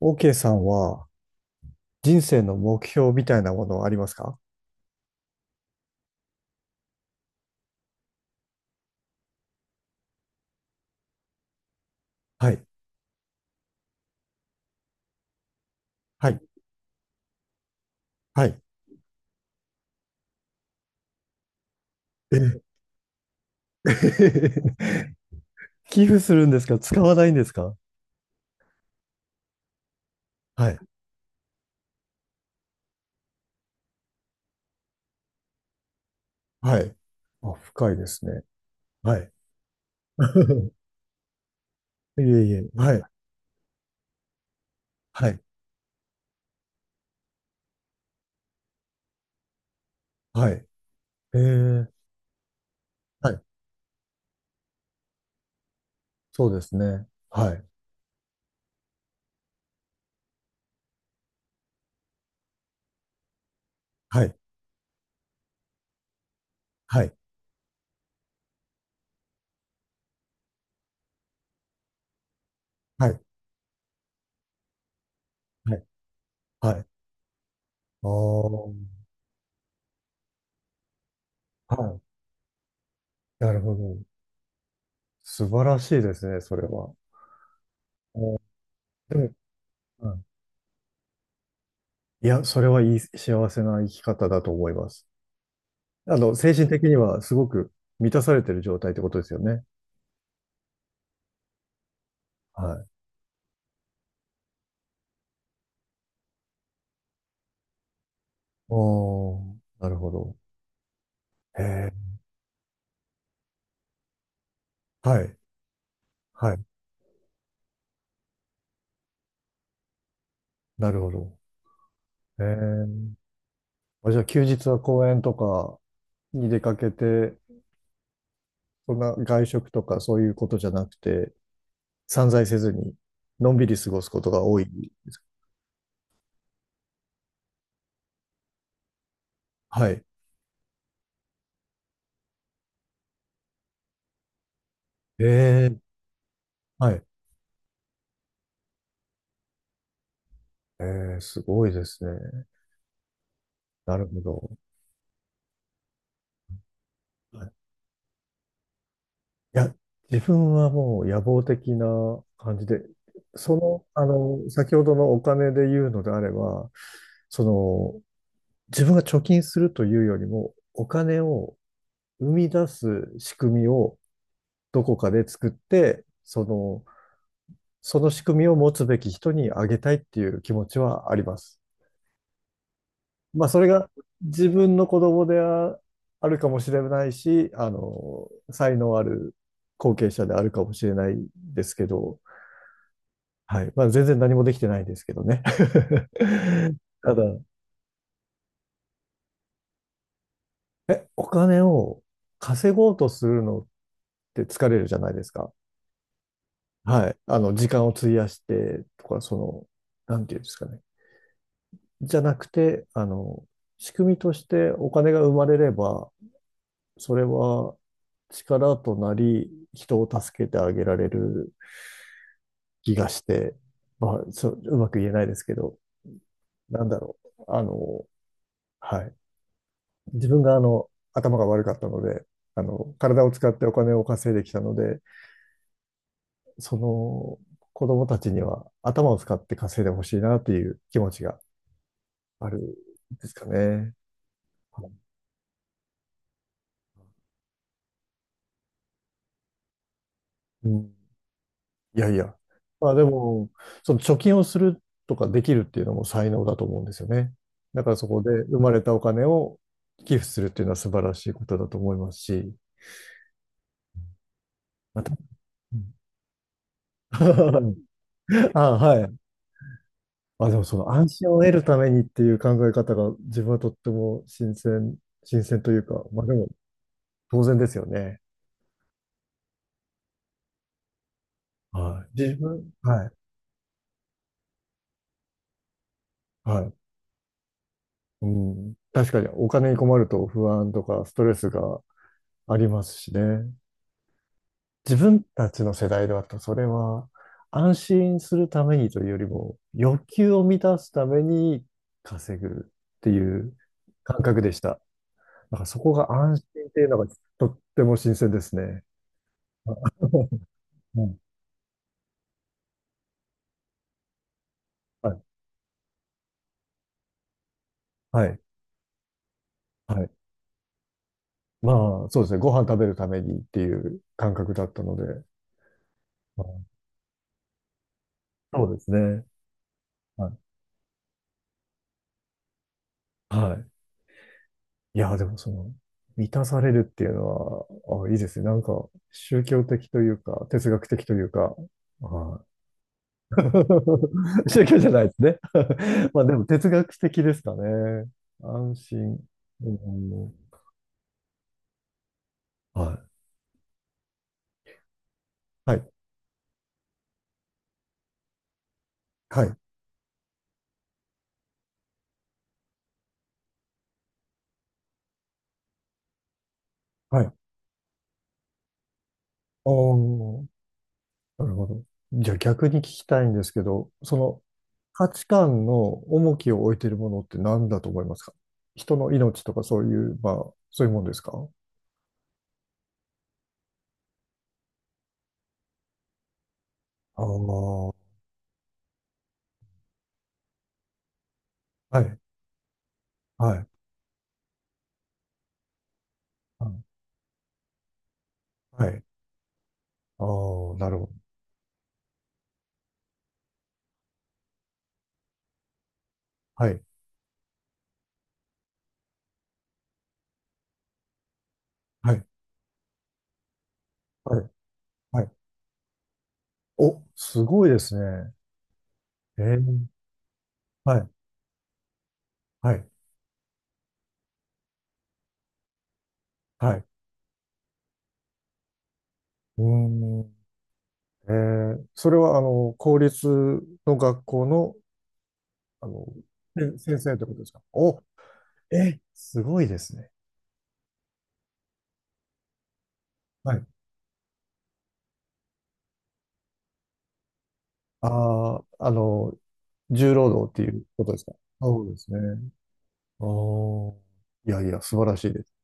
OK さんは人生の目標みたいなものはありますか？はい。はい。はい。ええ。 寄付するんですか？使わないんですか？はい。はい。あ、深いですね。はい。いえいえ。はい。はい。はい。ええ。はい。そうですね。はい。はい。はい。はい。はい。はい。あー、はい。なるほど。素晴らしいですね、それは。お。でも。うん。いや、それはいい幸せな生き方だと思います。あの、精神的にはすごく満たされてる状態ってことですよね。はい。おー、なるほど。へえ、はい、はい、なるほど。へえ、あ、じゃあ休日は公園とかに出かけて、そんな外食とかそういうことじゃなくて、散財せずに、のんびり過ごすことが多いですか？はい。ええ、はい。ええ、すごいですね。なるほど。はい。いや、自分はもう野望的な感じで、先ほどのお金で言うのであれば、その、自分が貯金するというよりも、お金を生み出す仕組みをどこかで作って、その仕組みを持つべき人にあげたいっていう気持ちはあります。まあ、それが自分の子供であるかもしれないし、才能ある後継者であるかもしれないですけど、はい。まあ、全然何もできてないですけどね。ただ、お金を稼ごうとするのって疲れるじゃないですか。はい。時間を費やしてとか、なんていうんですかね。じゃなくて、仕組みとしてお金が生まれれば、それは力となり、人を助けてあげられる気がして、まあ、そう、うまく言えないですけど、なんだろう。はい。自分が頭が悪かったので、体を使ってお金を稼いできたので、その子供たちには頭を使って稼いでほしいなっていう気持ちがあるんですかね。うん、いやいや。まあでも、その貯金をするとかできるっていうのも才能だと思うんですよね。だからそこで生まれたお金を寄付するっていうのは素晴らしいことだと思いますし、また、うん。 あ、はい。まあ、でもその安心を得るためにっていう考え方が自分はとっても新鮮というか、まあでも当然ですよね。はい。自分、はい。はい。うん。確かにお金に困ると不安とかストレスがありますしね。自分たちの世代だとそれは安心するためにというよりも欲求を満たすために稼ぐっていう感覚でした。だからそこが安心っていうのがとっても新鮮ですね。はい。はい。はい。まあ、そうですね。ご飯食べるためにっていう感覚だったので。まあそうですね。はい。はい。いや、でも満たされるっていうのは、あ、いいですね。なんか、宗教的というか、哲学的というか、はい。宗教じゃないですね。まあ、でも哲学的ですかね。安心。うん、はい。はい。はい。はい。おー、なるほど。じゃあ逆に聞きたいんですけど、価値観の重きを置いているものって何だと思いますか？人の命とかそういう、まあ、そういうもんですか？ああー、はい、はい、はい。ああー、なるほど。はい、はい、はい、はい。お、すごいですね。えー、はい、はい、はい。うーん、えそれは、公立の学校の、あの、先生ってことですか？お、えすごいですね。はい。ああ、重労働っていうことですか？そうですね。ああ、いやいや、素晴らしいです。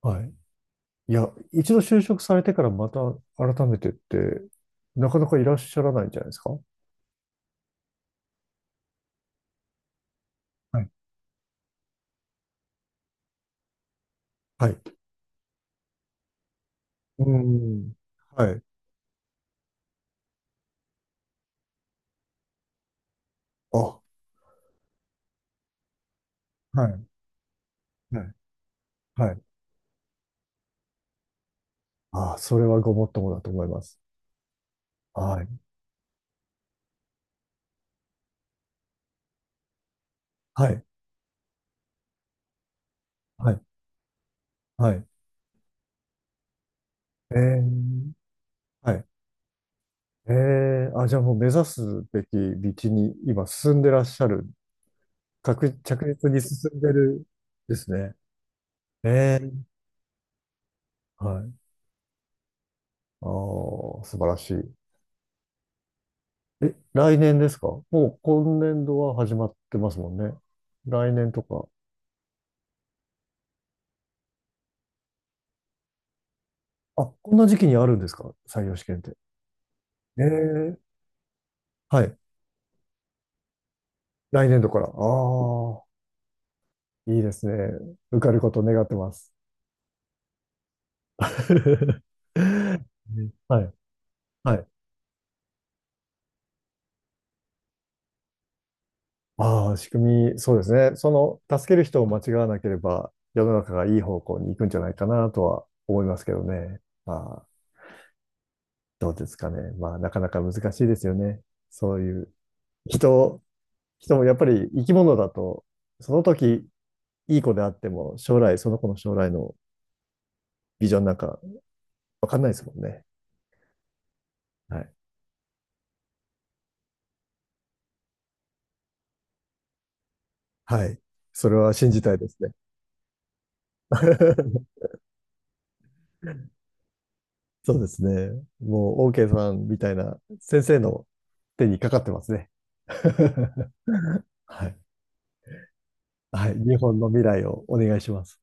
はい。いや、一度就職されてからまた改めてって、なかなかいらっしゃらないんじゃないですか？はい。はい。うん。はい。あ、はい。はい。はい。ああ、それはごもっともだと思います。はい。はい。はい。はい。えー、はい。えあ、じゃあもう目指すべき道に今進んでらっしゃる。着実に進んでるですね。ええ。はい。ああ、素晴らしい。え、来年ですか？もう今年度は始まってますもんね。来年とか。あ、こんな時期にあるんですか？採用試験って。ええ。はい。来年度から。ああ、いいですね。受かることを願ってます。ね。はい。はい。ああ、仕組み、そうですね。助ける人を間違わなければ、世の中がいい方向に行くんじゃないかなとは思いますけどね。ああ。どうですかね。まあ、なかなか難しいですよね。そういう人、人もやっぱり生き物だと、その時いい子であっても、将来、その子の将来のビジョンなんかわかんないですもんね。はい。はい。それは信じたいですね。そうですね。もう、OK さんみたいな先生の手にかかってますね。はい。はい。日本の未来をお願いします。